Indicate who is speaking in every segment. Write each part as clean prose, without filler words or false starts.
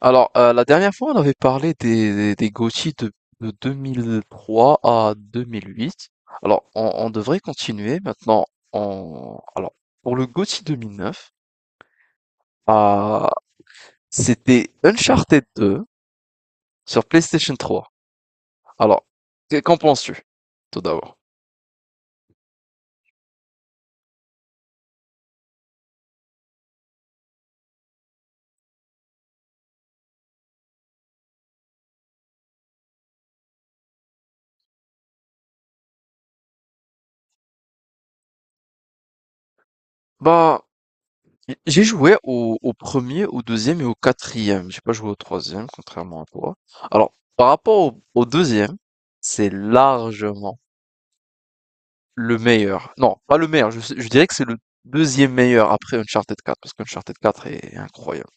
Speaker 1: Alors, la dernière fois, on avait parlé des GOTY de 2003 à 2008. Alors, on devrait continuer maintenant. Alors, pour le GOTY 2009, euh, c'était Uncharted 2 sur PlayStation 3. Alors, qu'en penses-tu, tout d'abord? Bah, j'ai joué au premier, au deuxième et au quatrième. J'ai pas joué au troisième, contrairement à toi. Alors, par rapport au deuxième, c'est largement le meilleur. Non, pas le meilleur. Je dirais que c'est le deuxième meilleur après Uncharted 4, parce qu'Uncharted 4 est incroyable.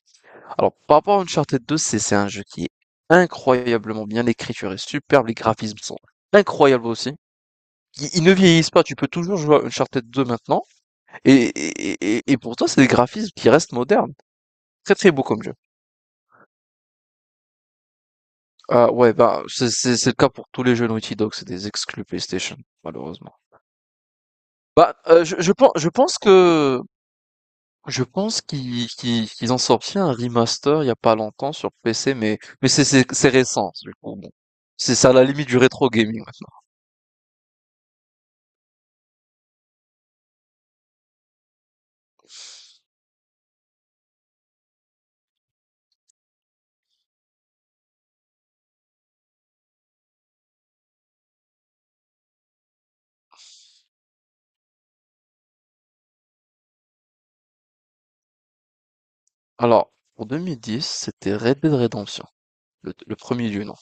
Speaker 1: Alors, par rapport à Uncharted 2, c'est un jeu qui est incroyablement bien. L'écriture est superbe, les graphismes sont incroyables aussi. Ils ne vieillissent pas. Tu peux toujours jouer à Uncharted 2 maintenant. Et pourtant, c'est des graphismes qui restent modernes. Très très beau comme jeu. Ah ouais, bah, c'est le cas pour tous les jeux Naughty Dog. C'est des exclus PlayStation, malheureusement. Bah, je, pen- je pense que Je pense qu'ils ont sorti un remaster il y a pas longtemps sur PC, mais c'est récent, du coup. Bon. C'est à la limite du rétro gaming maintenant. Alors, pour 2010, c'était Red Dead Redemption, le premier du nom.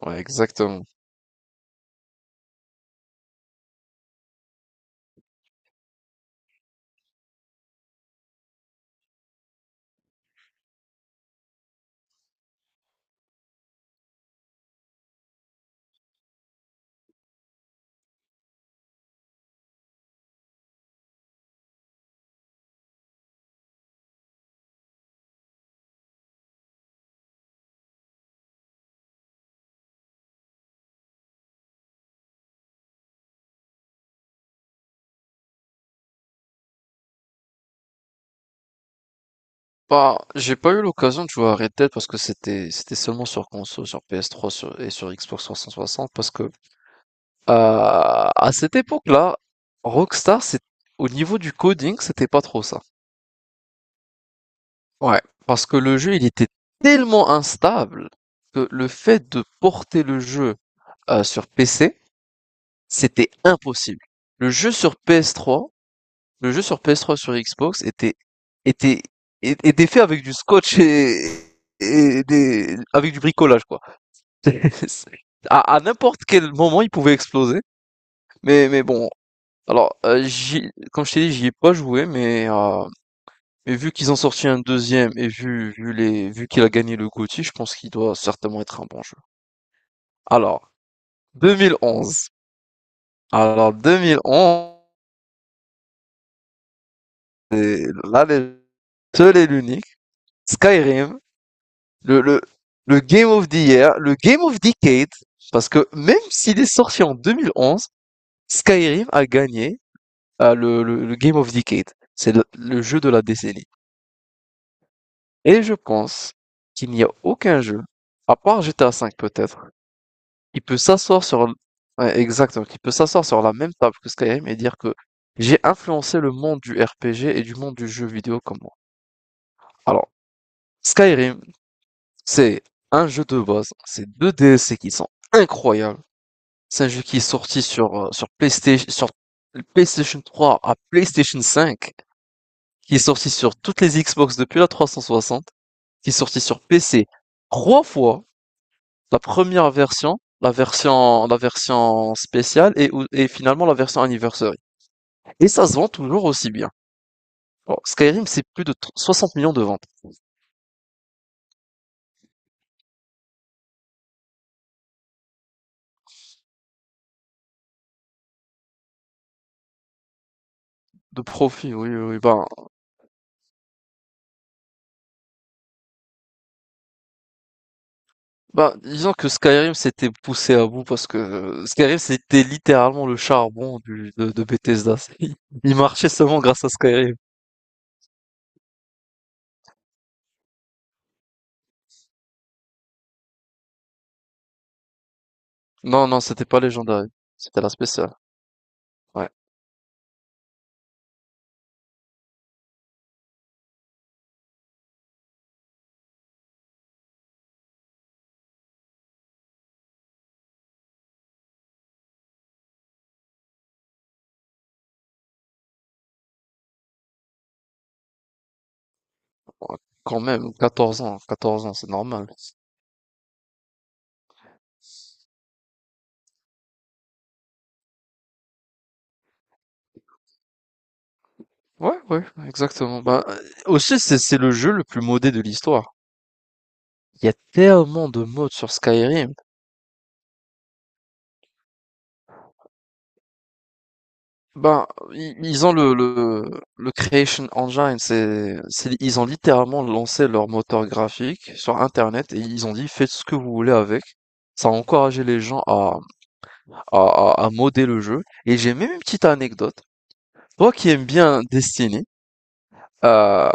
Speaker 1: Ouais, exactement. Bah, j'ai pas eu l'occasion de jouer à Red Dead parce que c'était seulement sur console, sur PS3 et sur Xbox 360 parce que à cette époque-là, Rockstar, c'est au niveau du coding, c'était pas trop ça. Ouais, parce que le jeu, il était tellement instable que le fait de porter le jeu sur PC, c'était impossible. Le jeu sur PS3, le jeu sur PS3 sur Xbox était était fait avec du scotch et des avec du bricolage quoi. C'est- à n'importe quel moment, il pouvait exploser. Mais bon, alors comme je t'ai dit, j'y ai pas joué. Mais vu qu'ils ont sorti un deuxième et vu qu'il a gagné le GOTY, je pense qu'il doit certainement être un bon jeu. Alors, 2011. Alors, 2011, c'est la légende, seul et l'unique, Skyrim, le, le, le Game of the Year, le Game of Decade, parce que même s'il est sorti en 2011, Skyrim a gagné le Game of Decade. C'est le jeu de la décennie. Et je pense qu'il n'y a aucun jeu, à part GTA V peut-être. Il peut s'asseoir sur l- Ouais, exact, donc il peut s'asseoir sur la même table que Skyrim et dire que j'ai influencé le monde du RPG et du monde du jeu vidéo comme moi. Alors, Skyrim, c'est un jeu de base, c'est deux DLC qui sont incroyables. C'est un jeu qui est sorti sur PlayStation 3 à PlayStation 5, qui est sorti sur toutes les Xbox depuis la 360, qui est sorti sur PC trois fois. La première version, la version spéciale et finalement la version anniversary. Et ça se vend toujours aussi bien. Bon, Skyrim, c'est plus de 60 millions de ventes. De profit, oui, oui, oui. Ben, disons que Skyrim s'était poussé à bout parce que Skyrim, c'était littéralement le charbon de Bethesda. Il marchait seulement grâce à Skyrim. Non, non, c'était pas légendaire. C'était la spéciale. Ouais. Quand même, 14 ans, 14 ans, c'est normal. Ouais, ouais, exactement. Bah, aussi, c'est le jeu le plus modé de l'histoire. Il y a tellement de modes sur Skyrim. Bah, ils ont le Creation Engine. Ils ont littéralement lancé leur moteur graphique sur Internet et ils ont dit faites ce que vous voulez avec. Ça a encouragé les gens à modder le jeu. Et j'ai même une petite anecdote. Toi qui aimes bien Destiny, euh,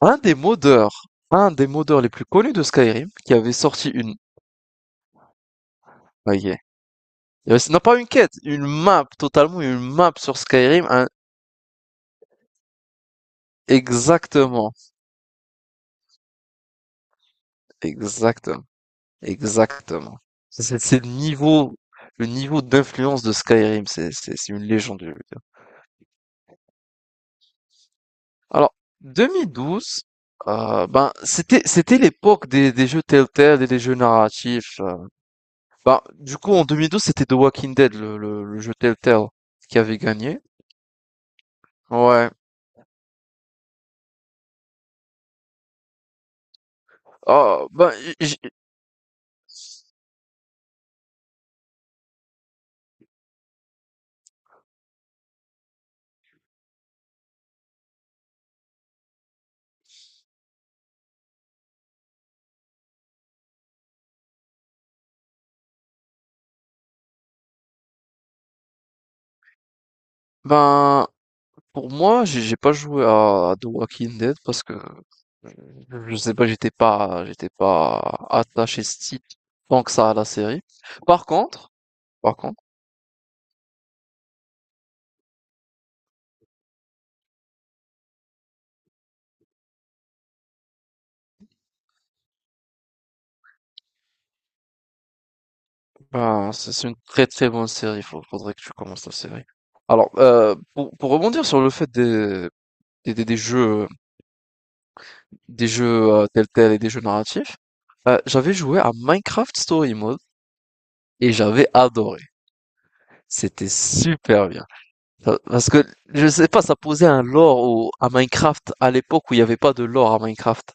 Speaker 1: un des modeurs, un des modeurs les plus connus de Skyrim, qui avait sorti une, bah, non, pas une quête, une map, totalement une map sur Skyrim. Exactement, exactement, exactement. C'est le niveau d'influence de Skyrim, c'est une légende. Je veux dire. Alors, 2012, ben, c'était l'époque des jeux Telltale et des jeux narratifs. Ben, du coup, en 2012, c'était The Walking Dead, le jeu Telltale, qui avait gagné. Ouais. Oh, ben, ben, Pour moi, j'ai pas joué à The Walking Dead parce que je sais pas, j'étais pas attaché si tant que ça à la série. Par contre, par contre, ben, c'est une très très bonne série. Faudrait que tu commences la série. Alors, pour rebondir sur le fait des, des- des jeux, des jeux Telltale et des jeux narratifs, j'avais joué à Minecraft Story Mode et j'avais adoré. C'était super bien. Parce que, je sais pas, ça posait un lore à Minecraft à l'époque où il n'y avait pas de lore à Minecraft.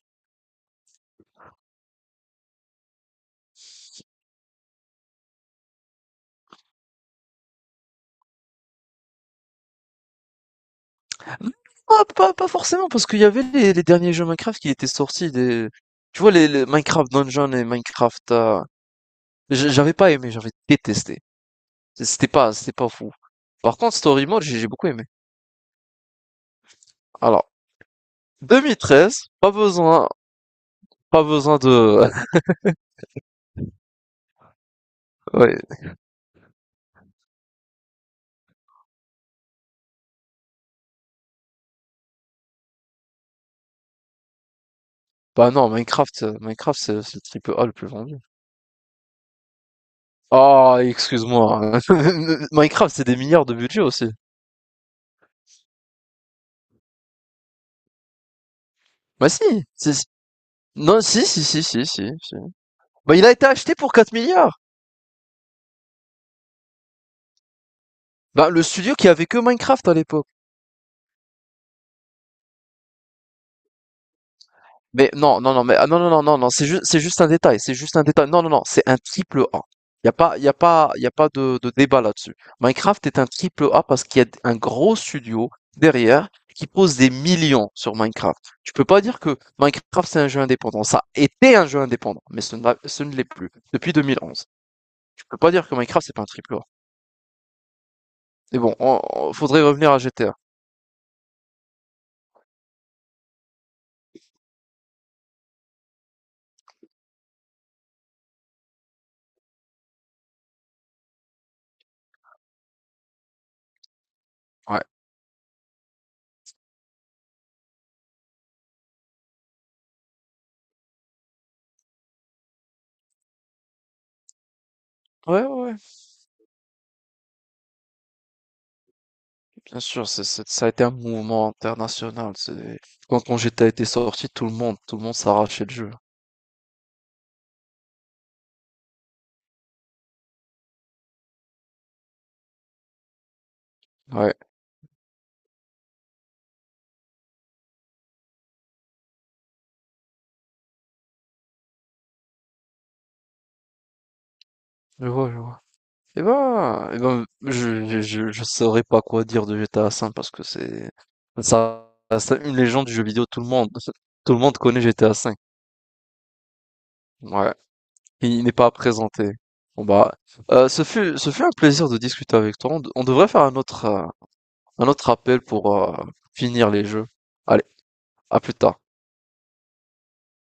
Speaker 1: Ah, pas forcément, parce qu'il y avait les derniers jeux Minecraft qui étaient sortis. Tu vois, les Minecraft Dungeon et Minecraft. J'avais pas aimé, j'avais détesté. C'était pas fou. Par contre, Story Mode, j'ai beaucoup aimé. Alors, 2013, pas besoin, pas besoin de. Ouais. Bah non, Minecraft, c'est le triple A le plus vendu. Ah, excuse-moi. Minecraft, c'est des milliards de budget aussi. Bah si, si, si. Non, si, si, si, si, si, si. Bah il a été acheté pour 4 milliards. Bah le studio qui avait que Minecraft à l'époque. Mais non, non, non, mais ah, non, non, non, non, non, c'est juste un détail, c'est juste un détail. Non, non, non, c'est un triple A. Y a pas, y a pas, y a pas de débat là-dessus. Minecraft est un triple A parce qu'il y a un gros studio derrière qui pose des millions sur Minecraft. Tu peux pas dire que Minecraft c'est un jeu indépendant. Ça était un jeu indépendant, mais ce ne l'est plus depuis 2011. Tu peux pas dire que Minecraft c'est pas un triple A. Mais bon, faudrait revenir à GTA. Ouais. Ouais, ouais, ouais. Bien sûr, ça a été un mouvement international. Quand GTA était sorti, tout le monde s'arrachait le jeu. Ouais, je vois, je vois. Eh ben, je saurais pas quoi dire de GTA 5 parce que ça, c'est une légende du jeu vidéo. Tout le monde, tout le monde connaît GTA 5. Ouais. Il n'est pas à présenter. Bon bah, ce fut un plaisir de discuter avec toi. On devrait faire un autre, un autre appel pour finir les jeux. Allez, à plus tard.